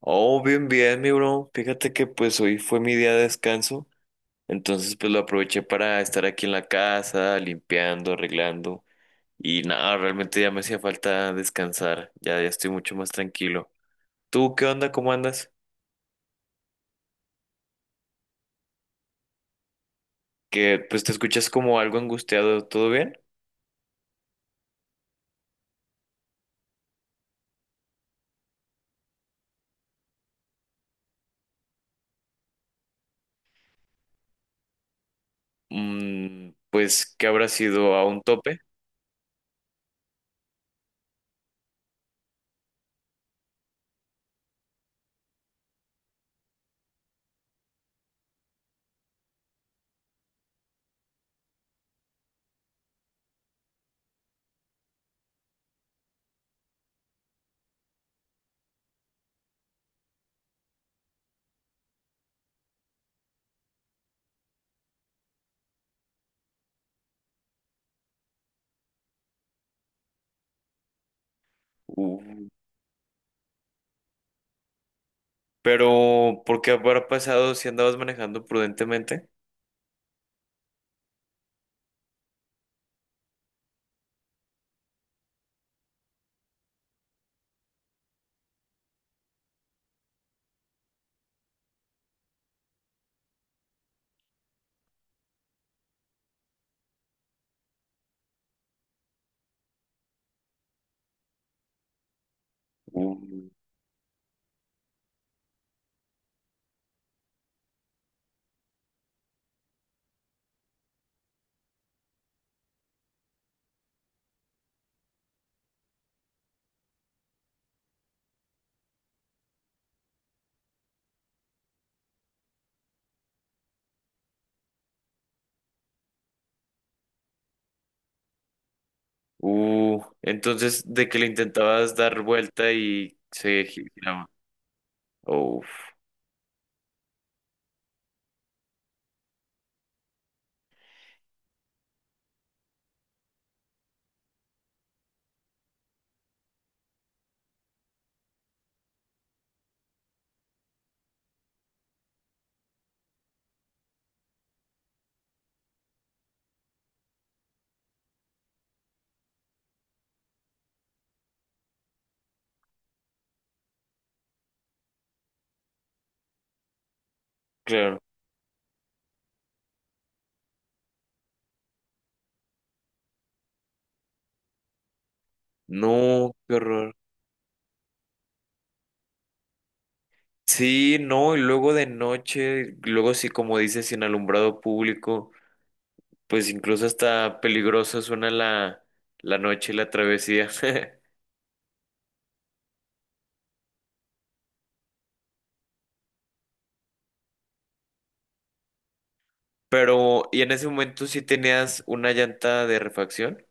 Oh, bien, bien, mi bro. Fíjate que pues hoy fue mi día de descanso, entonces pues lo aproveché para estar aquí en la casa, limpiando, arreglando y nada, realmente ya me hacía falta descansar, ya, ya estoy mucho más tranquilo. ¿Tú qué onda? ¿Cómo andas? Que pues te escuchas como algo angustiado, ¿todo bien? Pues que habrá sido a un tope. Uh, pero ¿por qué habrá pasado si andabas manejando prudentemente? Uh. Entonces de que le intentabas dar vuelta y se giraba. Uf, claro. No, qué horror. Sí, no, y luego de noche, luego sí, como dices, sin alumbrado público, pues incluso hasta peligroso suena la, la noche y la travesía. Pero, ¿y en ese momento sí tenías una llanta de refacción?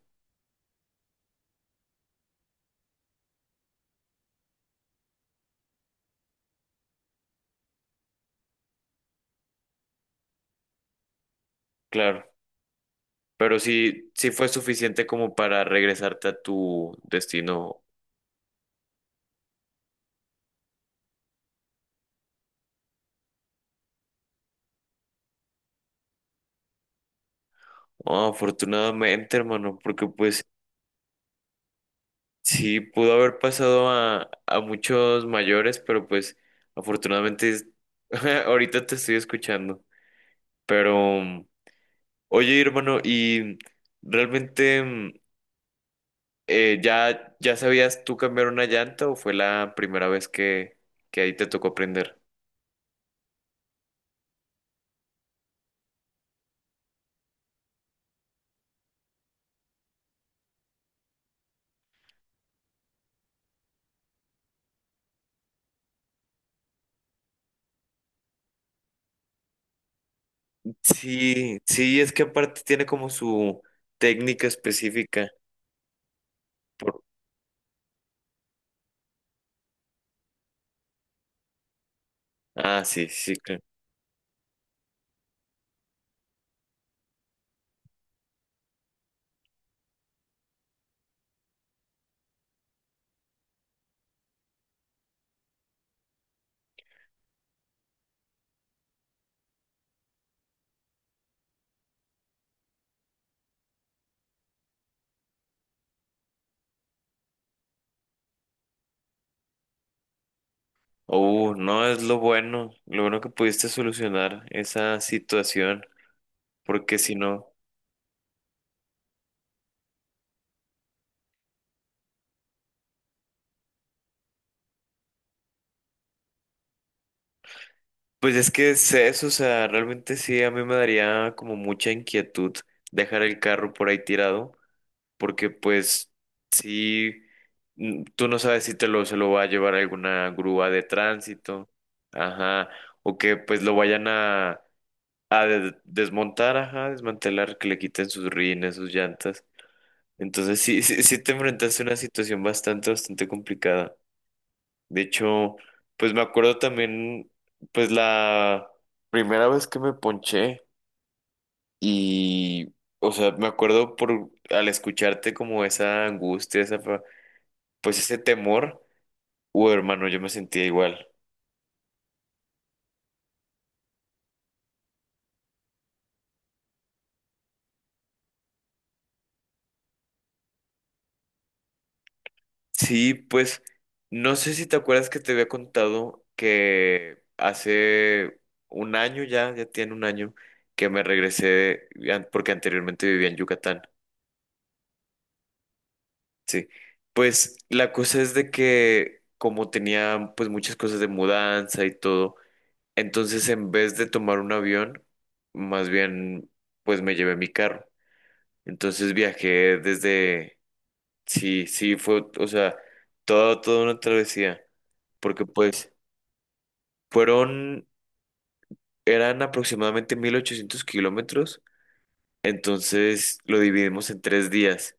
Claro, pero sí, sí fue suficiente como para regresarte a tu destino. Ah, afortunadamente, hermano, porque pues, sí, pudo haber pasado a muchos mayores, pero pues afortunadamente ahorita te estoy escuchando. Pero, oye, hermano, ¿y realmente ya, ya sabías tú cambiar una llanta o fue la primera vez que ahí te tocó aprender? Sí, sí, es que aparte tiene como su técnica específica. Por- Ah, sí, sí, claro. Oh, no, es lo bueno que pudiste solucionar esa situación, porque si no, pues es que es eso, o sea, realmente sí, a mí me daría como mucha inquietud dejar el carro por ahí tirado, porque pues sí, tú no sabes si te lo, se lo va a llevar alguna grúa de tránsito, ajá, o que pues lo vayan a, desmontar, ajá, desmantelar, que le quiten sus rines, sus llantas. Entonces sí, sí, sí te enfrentaste a una situación bastante, bastante complicada. De hecho, pues me acuerdo también, pues la primera vez que me ponché y, o sea, me acuerdo por al escucharte como esa angustia, esa, pues ese temor, hermano, yo me sentía igual. Sí, pues no sé si te acuerdas que te había contado que hace un año, ya, ya tiene un año que me regresé, porque anteriormente vivía en Yucatán. Sí, pues la cosa es de que como tenía pues muchas cosas de mudanza y todo, entonces en vez de tomar un avión, más bien pues me llevé mi carro. Entonces viajé desde, sí, sí, fue, o sea, toda una travesía, porque pues fueron, eran aproximadamente 1,800 kilómetros, entonces lo dividimos en 3 días,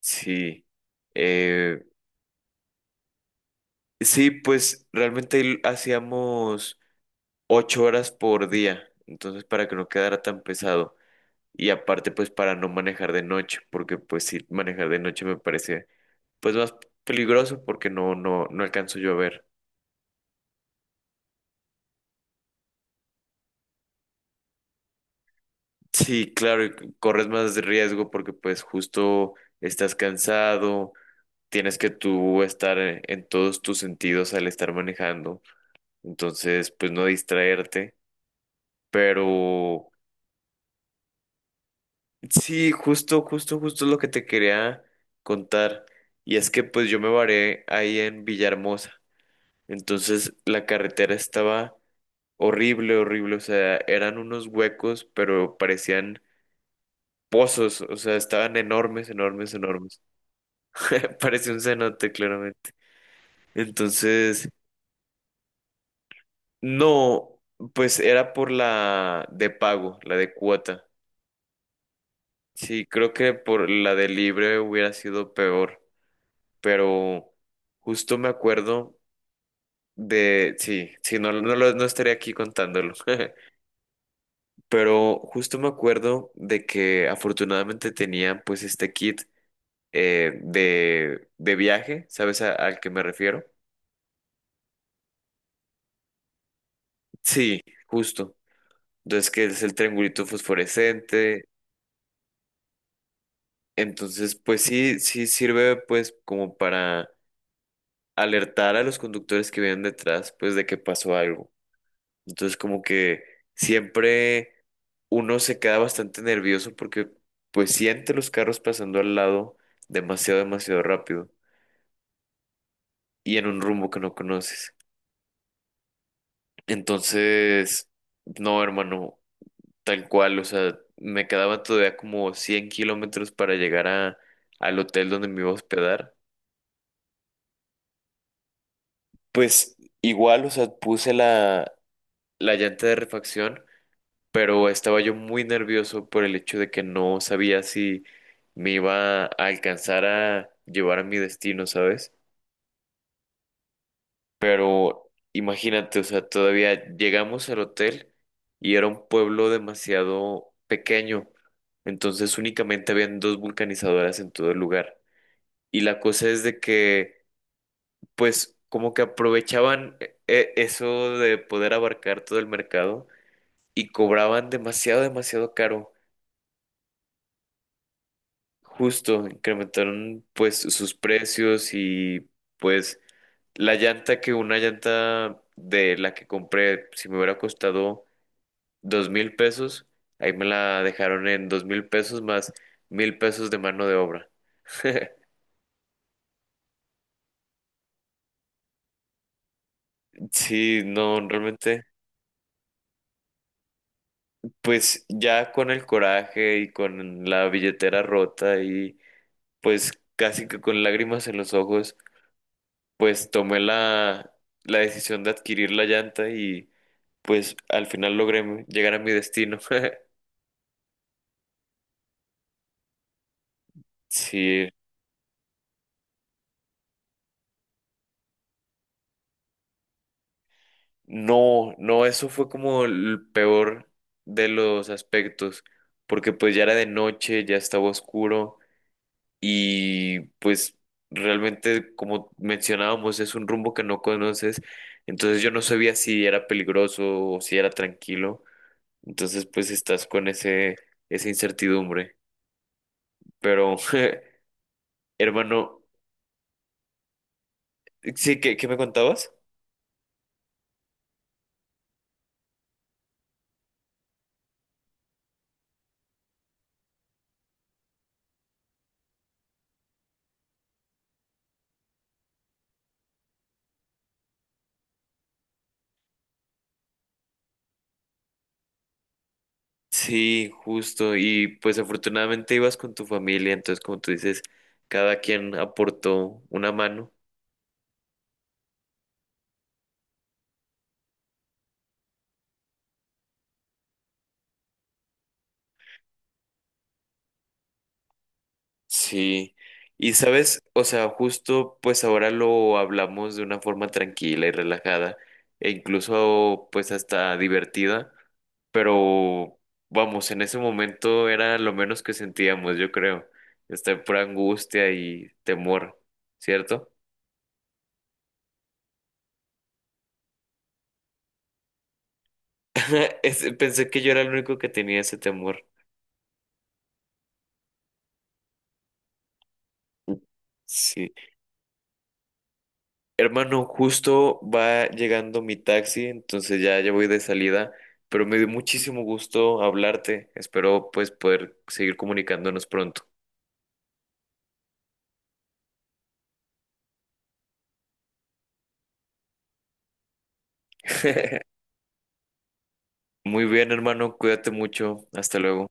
sí. Eh, sí, pues realmente ahí hacíamos... 8 horas por día, entonces para que no quedara tan pesado y aparte pues para no manejar de noche, porque pues sí, manejar de noche me parece pues más peligroso porque no, no, no alcanzo yo a ver. Sí, claro, y corres más riesgo porque pues justo estás cansado, tienes que tú estar en todos tus sentidos al estar manejando, entonces pues no distraerte, pero sí, justo, justo, justo lo que te quería contar. Y es que pues yo me varé ahí en Villahermosa. Entonces la carretera estaba horrible, horrible. O sea, eran unos huecos, pero parecían pozos. O sea, estaban enormes, enormes, enormes. Parecía un cenote, claramente. Entonces, no, pues era por la de pago, la de cuota. Sí, creo que por la de libre hubiera sido peor. Pero justo me acuerdo de, sí, sí, no, no, no estaría aquí contándolo, pero justo me acuerdo de que afortunadamente tenía pues este kit de viaje, ¿sabes al que me refiero? Sí, justo. Entonces, que es el triangulito fosforescente. Entonces, pues sí, sí sirve pues como para alertar a los conductores que vienen detrás, pues de que pasó algo. Entonces como que siempre uno se queda bastante nervioso porque pues siente los carros pasando al lado demasiado, demasiado rápido y en un rumbo que no conoces. Entonces, no, hermano, tal cual, o sea, me quedaba todavía como 100 kilómetros para llegar al hotel donde me iba a hospedar. Pues igual, o sea, puse la, la llanta de refacción pero estaba yo muy nervioso por el hecho de que no sabía si me iba a alcanzar a llevar a mi destino, ¿sabes? Pero imagínate, o sea, todavía llegamos al hotel y era un pueblo demasiado pequeño, entonces únicamente habían dos vulcanizadoras en todo el lugar. Y la cosa es de que, pues, como que aprovechaban eso de poder abarcar todo el mercado y cobraban demasiado, demasiado caro. Justo, incrementaron pues sus precios y pues la llanta que una llanta de la que compré, si me hubiera costado 2,000 pesos, ahí me la dejaron en 2,000 pesos más 1,000 pesos de mano de obra. Sí, no, realmente, pues ya con el coraje y con la billetera rota y pues casi que con lágrimas en los ojos, pues tomé la, la decisión de adquirir la llanta y... pues al final logré llegar a mi destino. Sí, no, no, eso fue como el peor de los aspectos, porque pues ya era de noche, ya estaba oscuro y pues realmente como mencionábamos es un rumbo que no conoces, entonces yo no sabía si era peligroso o si era tranquilo, entonces pues estás con ese, esa incertidumbre, pero hermano, sí, ¿qué, qué me contabas? Sí, justo. Y pues afortunadamente ibas con tu familia, entonces como tú dices, cada quien aportó una mano. Sí. Y sabes, o sea, justo pues ahora lo hablamos de una forma tranquila y relajada e incluso pues hasta divertida, pero vamos, en ese momento era lo menos que sentíamos, yo creo. Esta pura angustia y temor, ¿cierto? Pensé que yo era el único que tenía ese temor. Sí. Hermano, justo va llegando mi taxi, entonces ya, ya voy de salida, pero me dio muchísimo gusto hablarte. Espero pues poder seguir comunicándonos pronto. Muy bien, hermano, cuídate mucho. Hasta luego.